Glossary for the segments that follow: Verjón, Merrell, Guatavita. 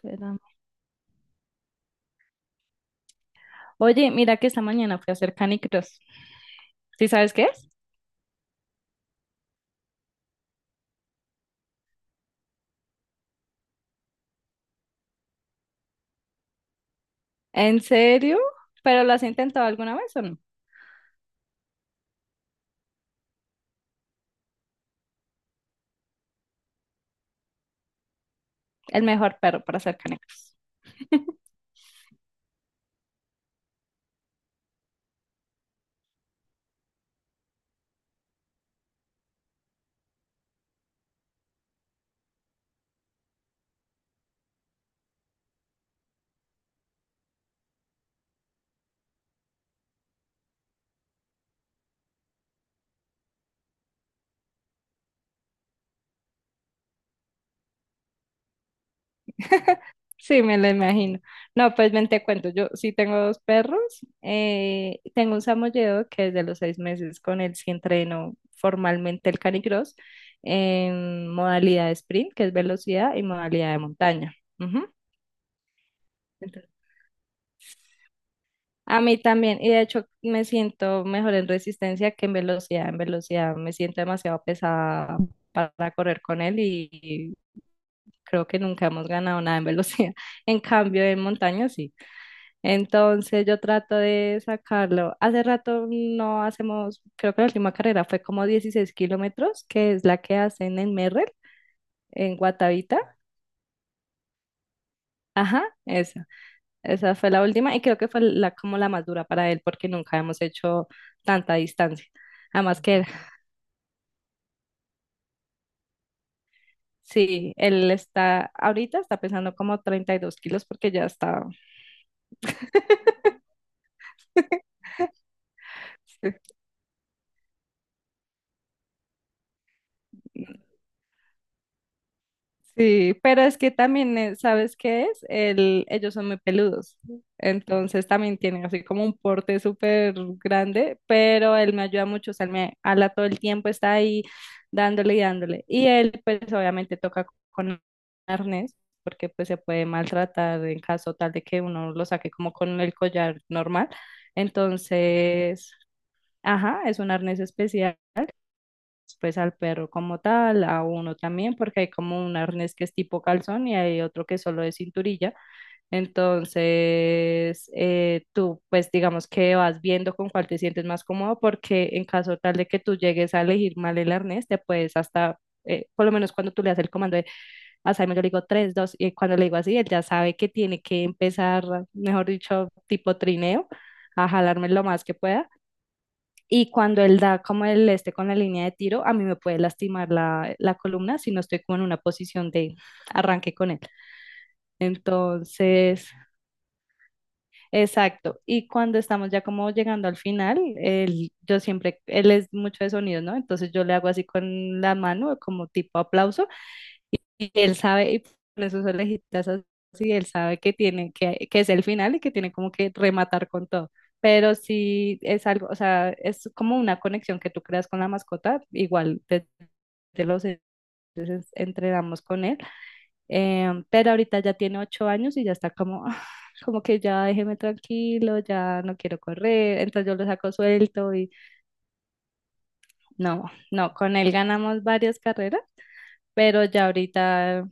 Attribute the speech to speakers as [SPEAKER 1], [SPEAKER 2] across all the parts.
[SPEAKER 1] Pero- Oye, mira que esta mañana fui a hacer canicross. ¿Sí sabes qué es? ¿En serio? ¿Pero lo has intentado alguna vez o no? El mejor perro para hacer canicross. Sí, me lo imagino. No, pues ven, te cuento. Yo sí tengo dos perros. Tengo un samoyedo que desde los 6 meses con él sí entreno formalmente el canicross en modalidad de sprint, que es velocidad, y modalidad de montaña. Ujú. Entonces, a mí también, y de hecho me siento mejor en resistencia que en velocidad. En velocidad me siento demasiado pesada para correr con él y creo que nunca hemos ganado nada en velocidad. En cambio, en montaña sí. Entonces yo trato de sacarlo. Hace rato no hacemos, creo que la última carrera fue como 16 kilómetros, que es la que hacen en Merrell, en Guatavita. Ajá, esa. Esa fue la última y creo que fue como la más dura para él porque nunca hemos hecho tanta distancia. Además que él- sí, ahorita está pesando como 32 kilos porque ya está. Sí, pero es que también, ¿sabes qué es? Ellos son muy peludos, entonces también tienen así como un porte súper grande, pero él me ayuda mucho, o sea, él me habla todo el tiempo, está ahí dándole y dándole. Y él pues obviamente toca con arnés, porque pues se puede maltratar en caso tal de que uno lo saque como con el collar normal. Entonces, ajá, es un arnés especial pues al perro como tal, a uno también, porque hay como un arnés que es tipo calzón y hay otro que solo es cinturilla. Entonces, tú pues digamos que vas viendo con cuál te sientes más cómodo, porque en caso tal de que tú llegues a elegir mal el arnés, te puedes hasta... Por lo menos cuando tú le das el comando de a Simon, yo le digo 3 2 y cuando le digo así, él ya sabe que tiene que empezar, mejor dicho, tipo trineo, a jalarme lo más que pueda. Y cuando él da, como él esté con la línea de tiro, a mí me puede lastimar la columna si no estoy como en una posición de arranque con él. Entonces, exacto. Y cuando estamos ya como llegando al final, él, yo siempre, él es mucho de sonidos, ¿no? Entonces yo le hago así con la mano, como tipo aplauso. Y él sabe, y con esos orejitas así, él sabe que tiene, que es el final y que tiene como que rematar con todo. Pero si es algo, o sea, es como una conexión que tú creas con la mascota, igual desde los entonces entrenamos con él, pero ahorita ya tiene 8 años y ya está como, "Ah, como que ya déjeme tranquilo, ya no quiero correr", entonces yo lo saco suelto y no. No, con él ganamos varias carreras, pero ya ahorita.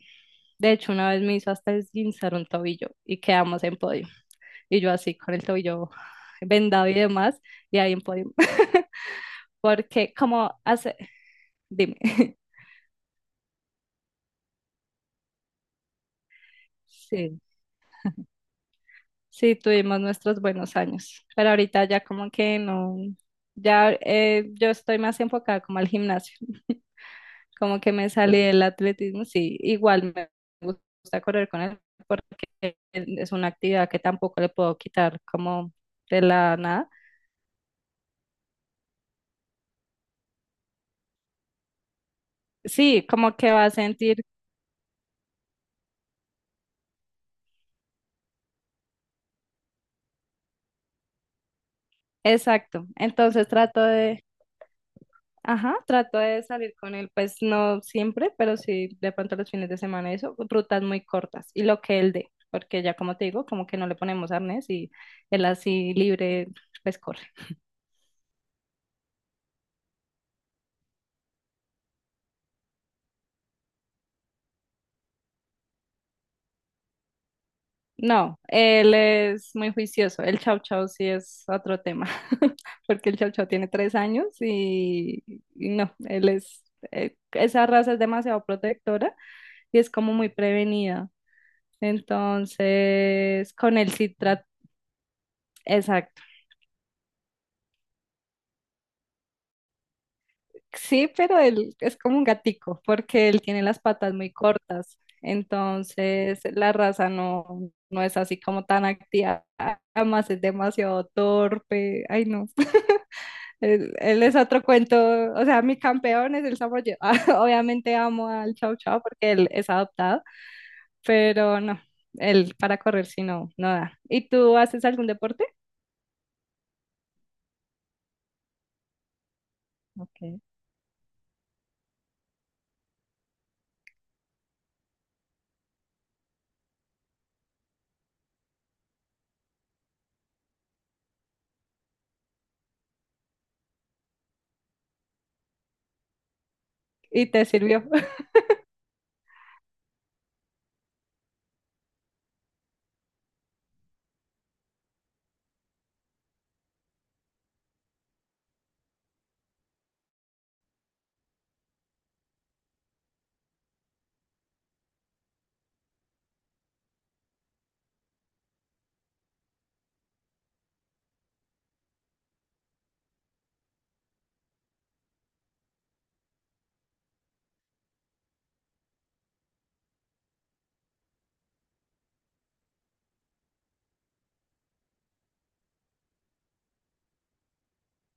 [SPEAKER 1] De hecho, una vez me hizo hasta esguinzar un tobillo y quedamos en podio. Y yo así con el tobillo vendado y demás, y ahí en podio. Porque como hace, dime. Sí, sí, tuvimos nuestros buenos años, pero ahorita ya como que no, ya yo estoy más enfocada como al gimnasio, como que me salí del atletismo, sí, igual me gusta correr con él porque es una actividad que tampoco le puedo quitar como de la nada. Sí, como que va a sentir. Exacto. Ajá, trato de salir con él, pues no siempre, pero sí de pronto los fines de semana, eso, rutas muy cortas y lo que él dé, porque ya como te digo, como que no le ponemos arnés y él así libre, pues corre. No, él es muy juicioso. El chau chau sí es otro tema, porque el chau chau tiene 3 años y no, él es, esa raza es demasiado protectora y es como muy prevenida. Entonces, con él sí trata, exacto. Sí, pero él es como un gatico, porque él tiene las patas muy cortas. Entonces, la raza no, no es así como tan activa. Además, es demasiado torpe. Ay, no. Él es otro cuento. O sea, mi campeón es el samoyedo. Obviamente amo al Chow Chow porque él es adoptado, pero no. Él para correr si no, no da. ¿Y tú haces algún deporte? Ok. ¿Y te sirvió?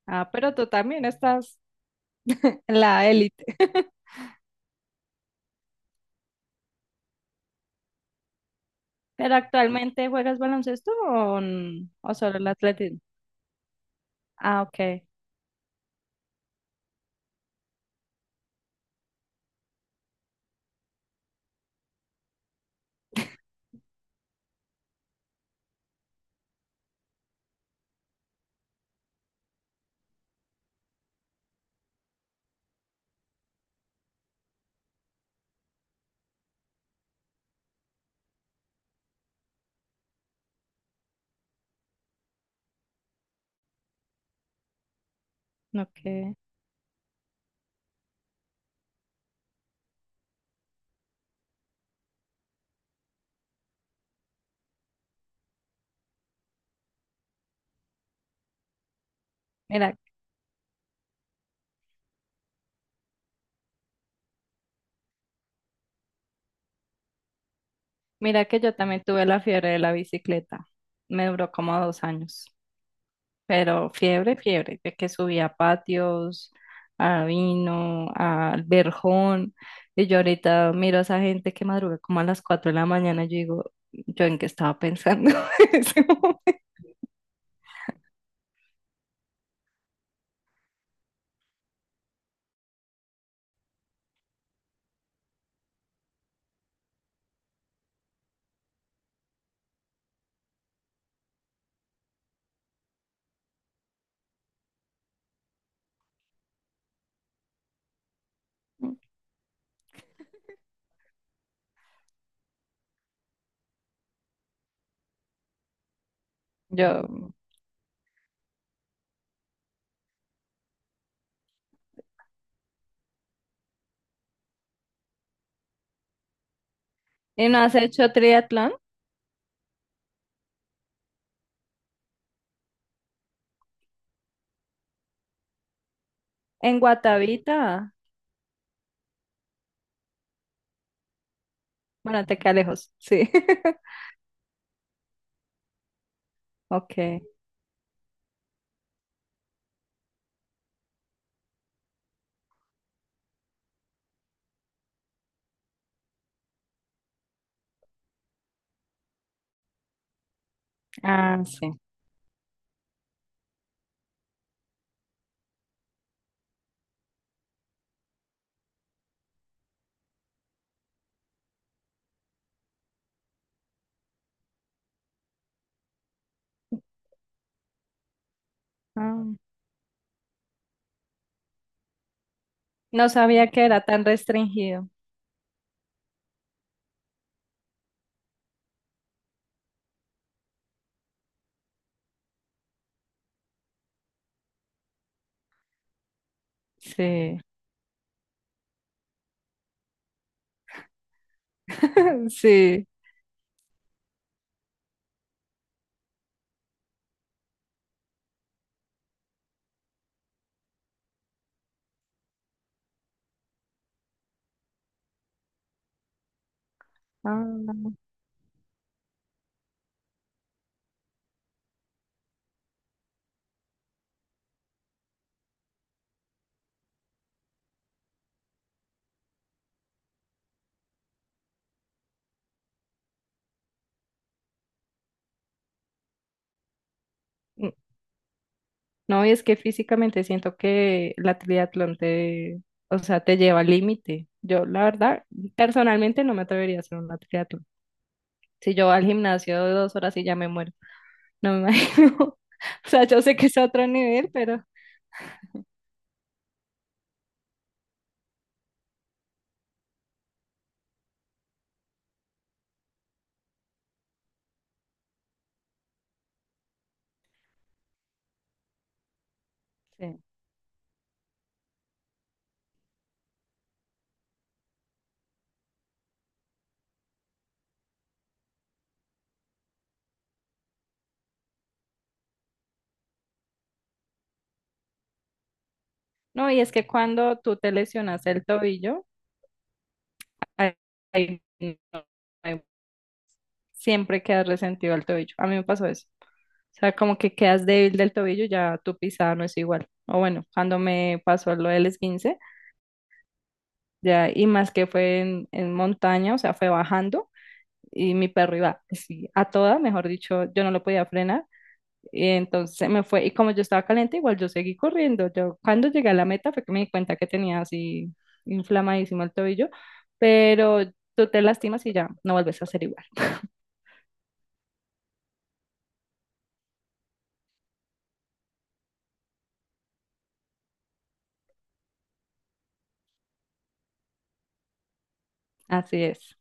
[SPEAKER 1] Ah, pero tú también estás en la élite. ¿Pero actualmente juegas baloncesto o, n- o solo el atletismo? Ah, ok, ok. Mira, mira que yo también tuve la fiebre de la bicicleta. Me duró como 2 años. Pero de que subía a patios, a Vino, al Verjón. Y yo ahorita miro a esa gente que madruga como a las 4 de la mañana y yo digo, ¿yo en qué estaba pensando en ese momento? Yo, ¿y no has hecho triatlón? En Guatavita. Bueno, te queda lejos, sí. Ok. Ah, sí. Ah, no sabía que era tan restringido. Sí, sí. Ah, n- no, y es que físicamente siento que la triatlón te, o sea, te lleva al límite. Yo, la verdad, personalmente no me atrevería a hacer una triatlón. Si yo voy al gimnasio 2 horas y ya me muero, no me imagino. O sea, yo sé que es otro nivel, pero sí. No, y es que cuando tú te lesionas el tobillo, ahí- ahí no hay- siempre quedas resentido el tobillo. A mí me pasó eso. O sea, como que quedas débil del tobillo, ya tu pisada no es igual. O bueno, cuando me pasó lo del esguince, ya, y más que fue en montaña, o sea, fue bajando y mi perro iba así a toda, mejor dicho, yo no lo podía frenar. Y entonces se me fue, y como yo estaba caliente, igual yo seguí corriendo. Yo cuando llegué a la meta fue que me di cuenta que tenía así inflamadísimo el tobillo, pero tú te lastimas y ya no vuelves a ser igual. Así es.